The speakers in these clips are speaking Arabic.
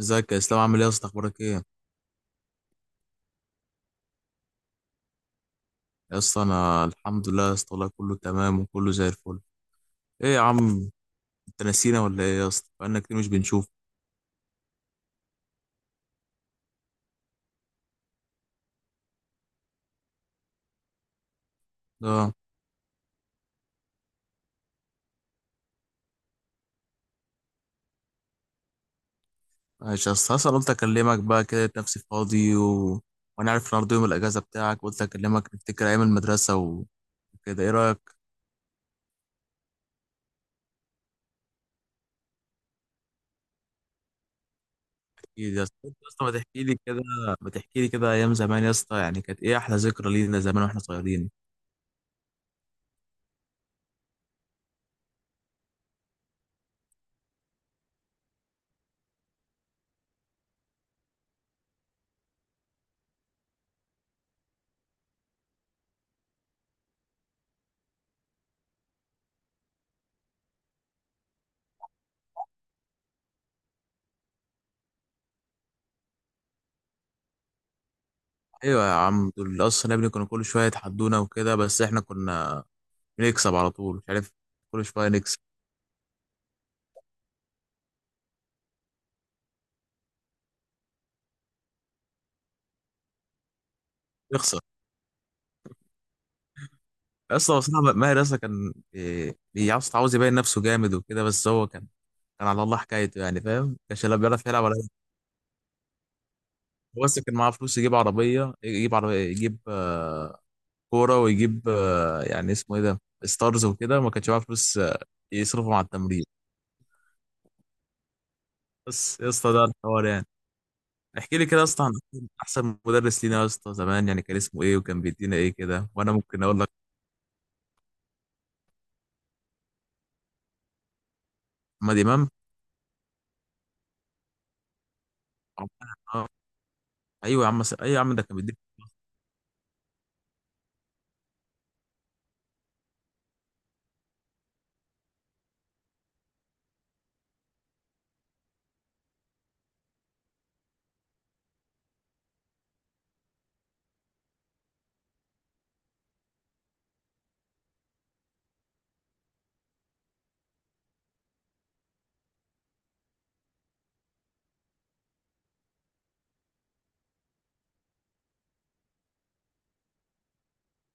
ازيك يا اسلام؟ عامل ايه يا اسطى؟ اخبارك ايه؟ يا اسطى انا الحمد لله يا اسطى، والله كله تمام وكله زي الفل. ايه يا عم؟ انت نسينا ولا ايه يا اسطى؟ بقالنا كتير مش بنشوف. اه، ماشي يا اسطى. اصلا قلت اكلمك بقى كده، لقيت نفسي فاضي وانا عارف النهارده يوم الاجازه بتاعك، قلت اكلمك نفتكر ايام المدرسه وكده. ايه رايك؟ اكيد يا اسطى. انت يا اسطى ما تحكي لي كده، ما تحكي لي كده ايام زمان يا اسطى. يعني كانت ايه احلى ذكرى لينا زمان واحنا صغيرين؟ ايوه يا عم، دول اصلا يا ابني كانوا كل شويه يتحدونا وكده، بس احنا كنا نكسب على طول. مش عارف، كل شويه نكسب. يخسر. اصلا بصراحه ماهر اصلا كان إيه، عاوز يبين نفسه جامد وكده، بس هو كان على الله حكايته، يعني فاهم، ما كانش لا بيعرف يلعب ولا أي حاجة. هو بس كان معاه فلوس يجيب عربيه، يجيب كوره، ويجيب يعني اسمه ايه ده ستارز وكده، ما كانش معاه فلوس يصرفهم على التمرين. بس يا اسطى ده الحوار يعني. احكي لي كده يا اسطى عن احسن مدرس لينا يا اسطى زمان، يعني كان اسمه ايه وكان بيدينا ايه كده، وانا ممكن اقول لك محمد امام. ايوه يا عم ده كان بيديني.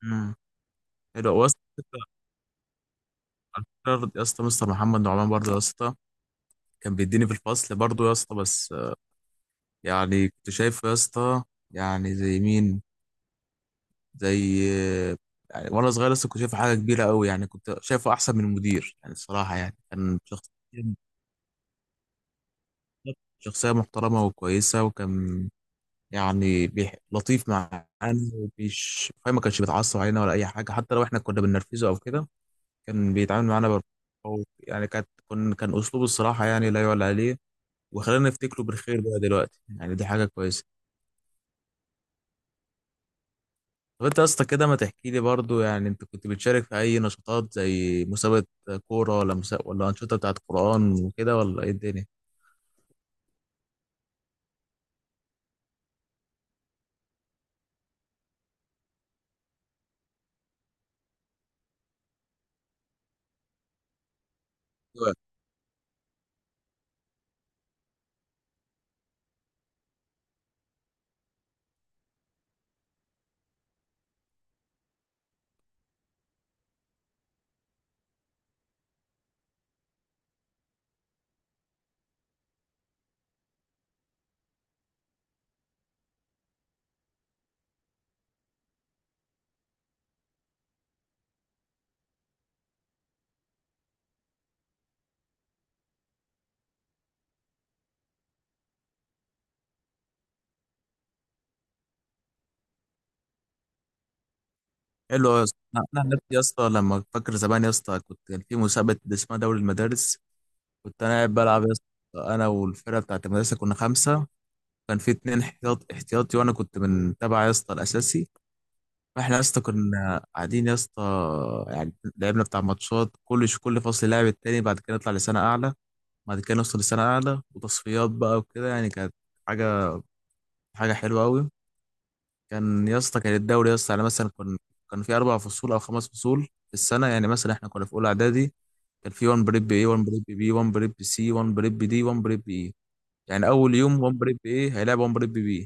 امم حلو هو يا اسطى. على فكرة يا اسطى، مستر محمد نعمان برضه يا اسطى كان بيديني في الفصل برضه يا اسطى، بس يعني كنت شايفه يا اسطى، يعني زي مين؟ زي آه، يعني وانا صغير لسه كنت شايفه حاجه كبيره قوي، يعني كنت شايفه احسن من المدير يعني الصراحه، يعني كان شخص، شخصيه محترمه وكويسه، وكان يعني لطيف معانا. ومش فاهم، ما كانش بيتعصب علينا ولا اي حاجه، حتى لو احنا كنا بننرفزه او كده. كان بيتعامل معانا هو يعني كان اسلوبه الصراحه يعني لا يعلى عليه. وخلينا نفتكره بالخير بقى دلوقتي، يعني دي حاجه كويسه. طب انت يا اسطى كده ما تحكي لي برضو، يعني انت كنت بتشارك في اي نشاطات؟ زي مسابقه كوره ولا ولا انشطه بتاعت قران وكده، ولا ايه الدنيا؟ أيوة. حلو يا اسطى. انا عن نفسي يا اسطى، لما فاكر زمان يا اسطى، كان في مسابقه اسمها دوري المدارس. كنت انا قاعد بلعب يا اسطى، انا والفرقه بتاعت المدرسه كنا خمسه. كان في اتنين احتياطي، وانا كنت من تبع يا اسطى الاساسي. احنا يا اسطى كنا قاعدين يا اسطى. يعني لعبنا بتاع ماتشات كل فصل لاعب التاني، بعد كده نطلع لسنة أعلى، بعد كده نوصل لسنة أعلى وتصفيات بقى وكده. يعني كانت حاجة حاجة حلوة أوي. كان يا اسطى كان الدوري يا اسطى، يعني مثلا كان كان في أربع فصول أو خمس فصول في السنة. يعني مثلا احنا كنا في أولى إعدادي، كان في 1 بريب A، 1 بريب B، 1 بريب C، 1 بريب D، 1 بريب E. يعني أول يوم 1 بريب A هيلعب 1 بريب B،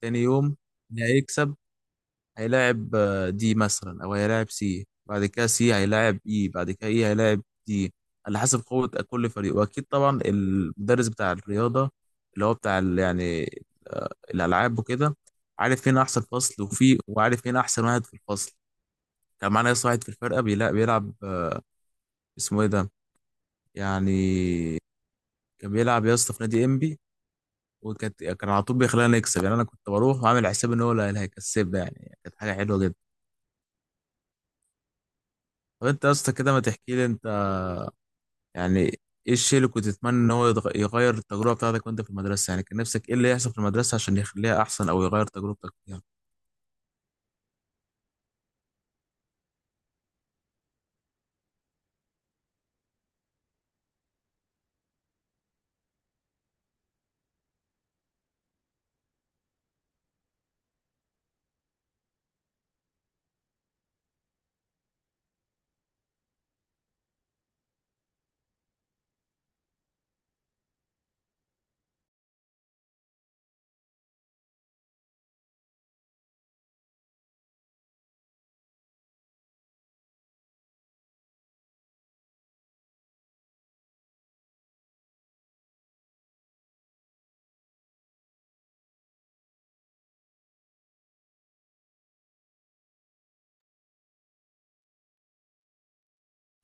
تاني يوم اللي هيكسب هيلاعب دي مثلا، او هيلاعب سي، بعد كده سي هيلاعب اي، بعد كده اي هيلاعب دي، على حسب قوة كل فريق. واكيد طبعا المدرس بتاع الرياضة اللي هو بتاع يعني آه، الالعاب وكده عارف فين احسن فصل، وفي وعارف فين احسن واحد في الفصل. كان معانا يس واحد في الفرقة بيلعب اسمه ايه ده يعني، كان بيلعب يا اسطى في نادي انبي، وكانت على طول بيخلينا نكسب. يعني انا كنت بروح وعامل حساب ان هو اللي هيكسبنا، يعني كانت حاجة حلوة جدا. طب انت يا اسطى كده ما تحكي لي انت، يعني ايه الشيء اللي كنت تتمنى ان هو يغير التجربه بتاعتك وانت في المدرسه؟ يعني كان نفسك ايه اللي يحصل في المدرسه عشان يخليها احسن او يغير تجربتك فيها؟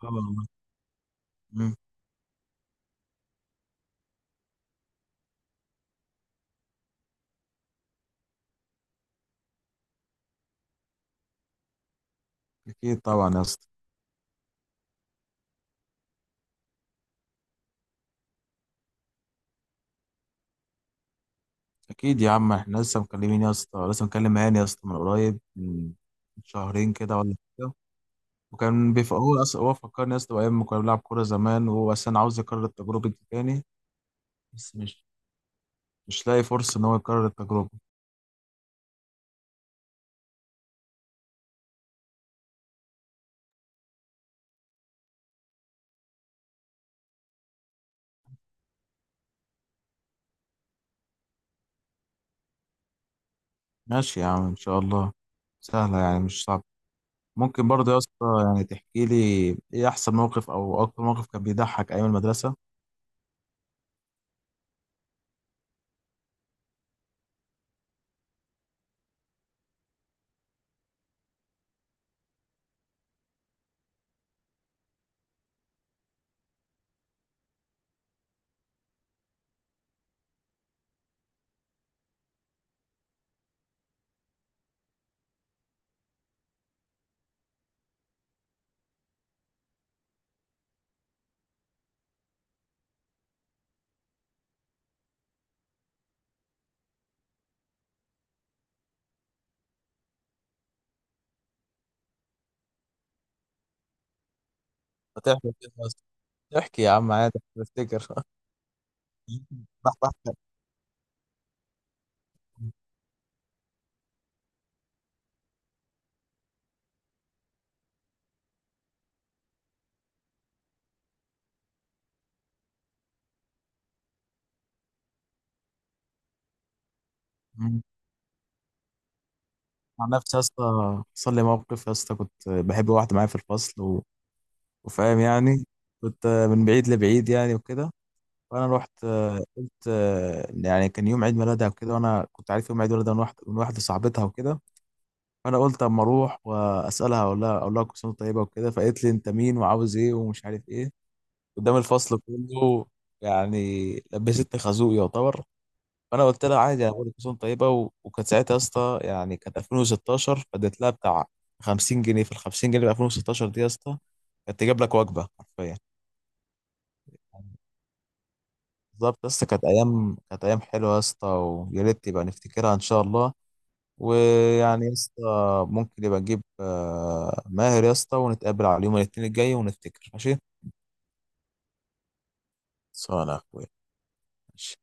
طبعا. مم. اكيد طبعا يا اسطى. اكيد يا عم، احنا لسه مكلمين يا اسطى. لسه مكلم هاني يا اسطى من قريب، من شهرين كده ولا كده. وكان هو فكرني يا اسطى بايام ما كنا بنلعب كوره زمان، وهو اصلا عاوز يكرر التجربه دي تاني. بس مش لاقي فرصه ان هو يكرر التجربه. ماشي يا عم ان شاء الله، سهله يعني مش صعبه. ممكن برضه يا اسطى يعني تحكي لي ايه احسن موقف او اكتر موقف كان بيضحك ايام المدرسه؟ هتحكي كده يا اسطى؟ احكي يا عم عادي بفتكر بحكي. مم. عن نفسي يا اسطى حصل لي موقف يا اسطى، كنت بحب واحده معايا في الفصل وفاهم يعني، كنت من بعيد لبعيد يعني وكده. فانا رحت قلت يعني كان يوم عيد ميلادها وكده، وانا كنت عارف يوم عيد ميلادها من واحده صاحبتها وكده. فانا قلت اما اروح واسالها، اقول لها كل سنه وأنت طيبه وكده. فقالت لي انت مين وعاوز ايه ومش عارف ايه، قدام الفصل كله يعني. لبستني خازوق يعتبر. فانا قلت لها عادي، انا بقول لك كسوم طيبه وكانت ساعتها يا اسطى، يعني كانت 2016. فاديت لها بتاع 50 جنيه. في ال 50 جنيه في 2016 دي يا اسطى كانت تجيب لك وجبه حرفيا. بالظبط يا اسطى. كانت ايام حلوه يا اسطى، ويا ريت يبقى نفتكرها ان شاء الله. ويعني يا اسطى ممكن يبقى نجيب ماهر يا اسطى، ونتقابل على يوم الاثنين الجاي ونفتكر ماشي؟ صانع يا اخويا، ماشي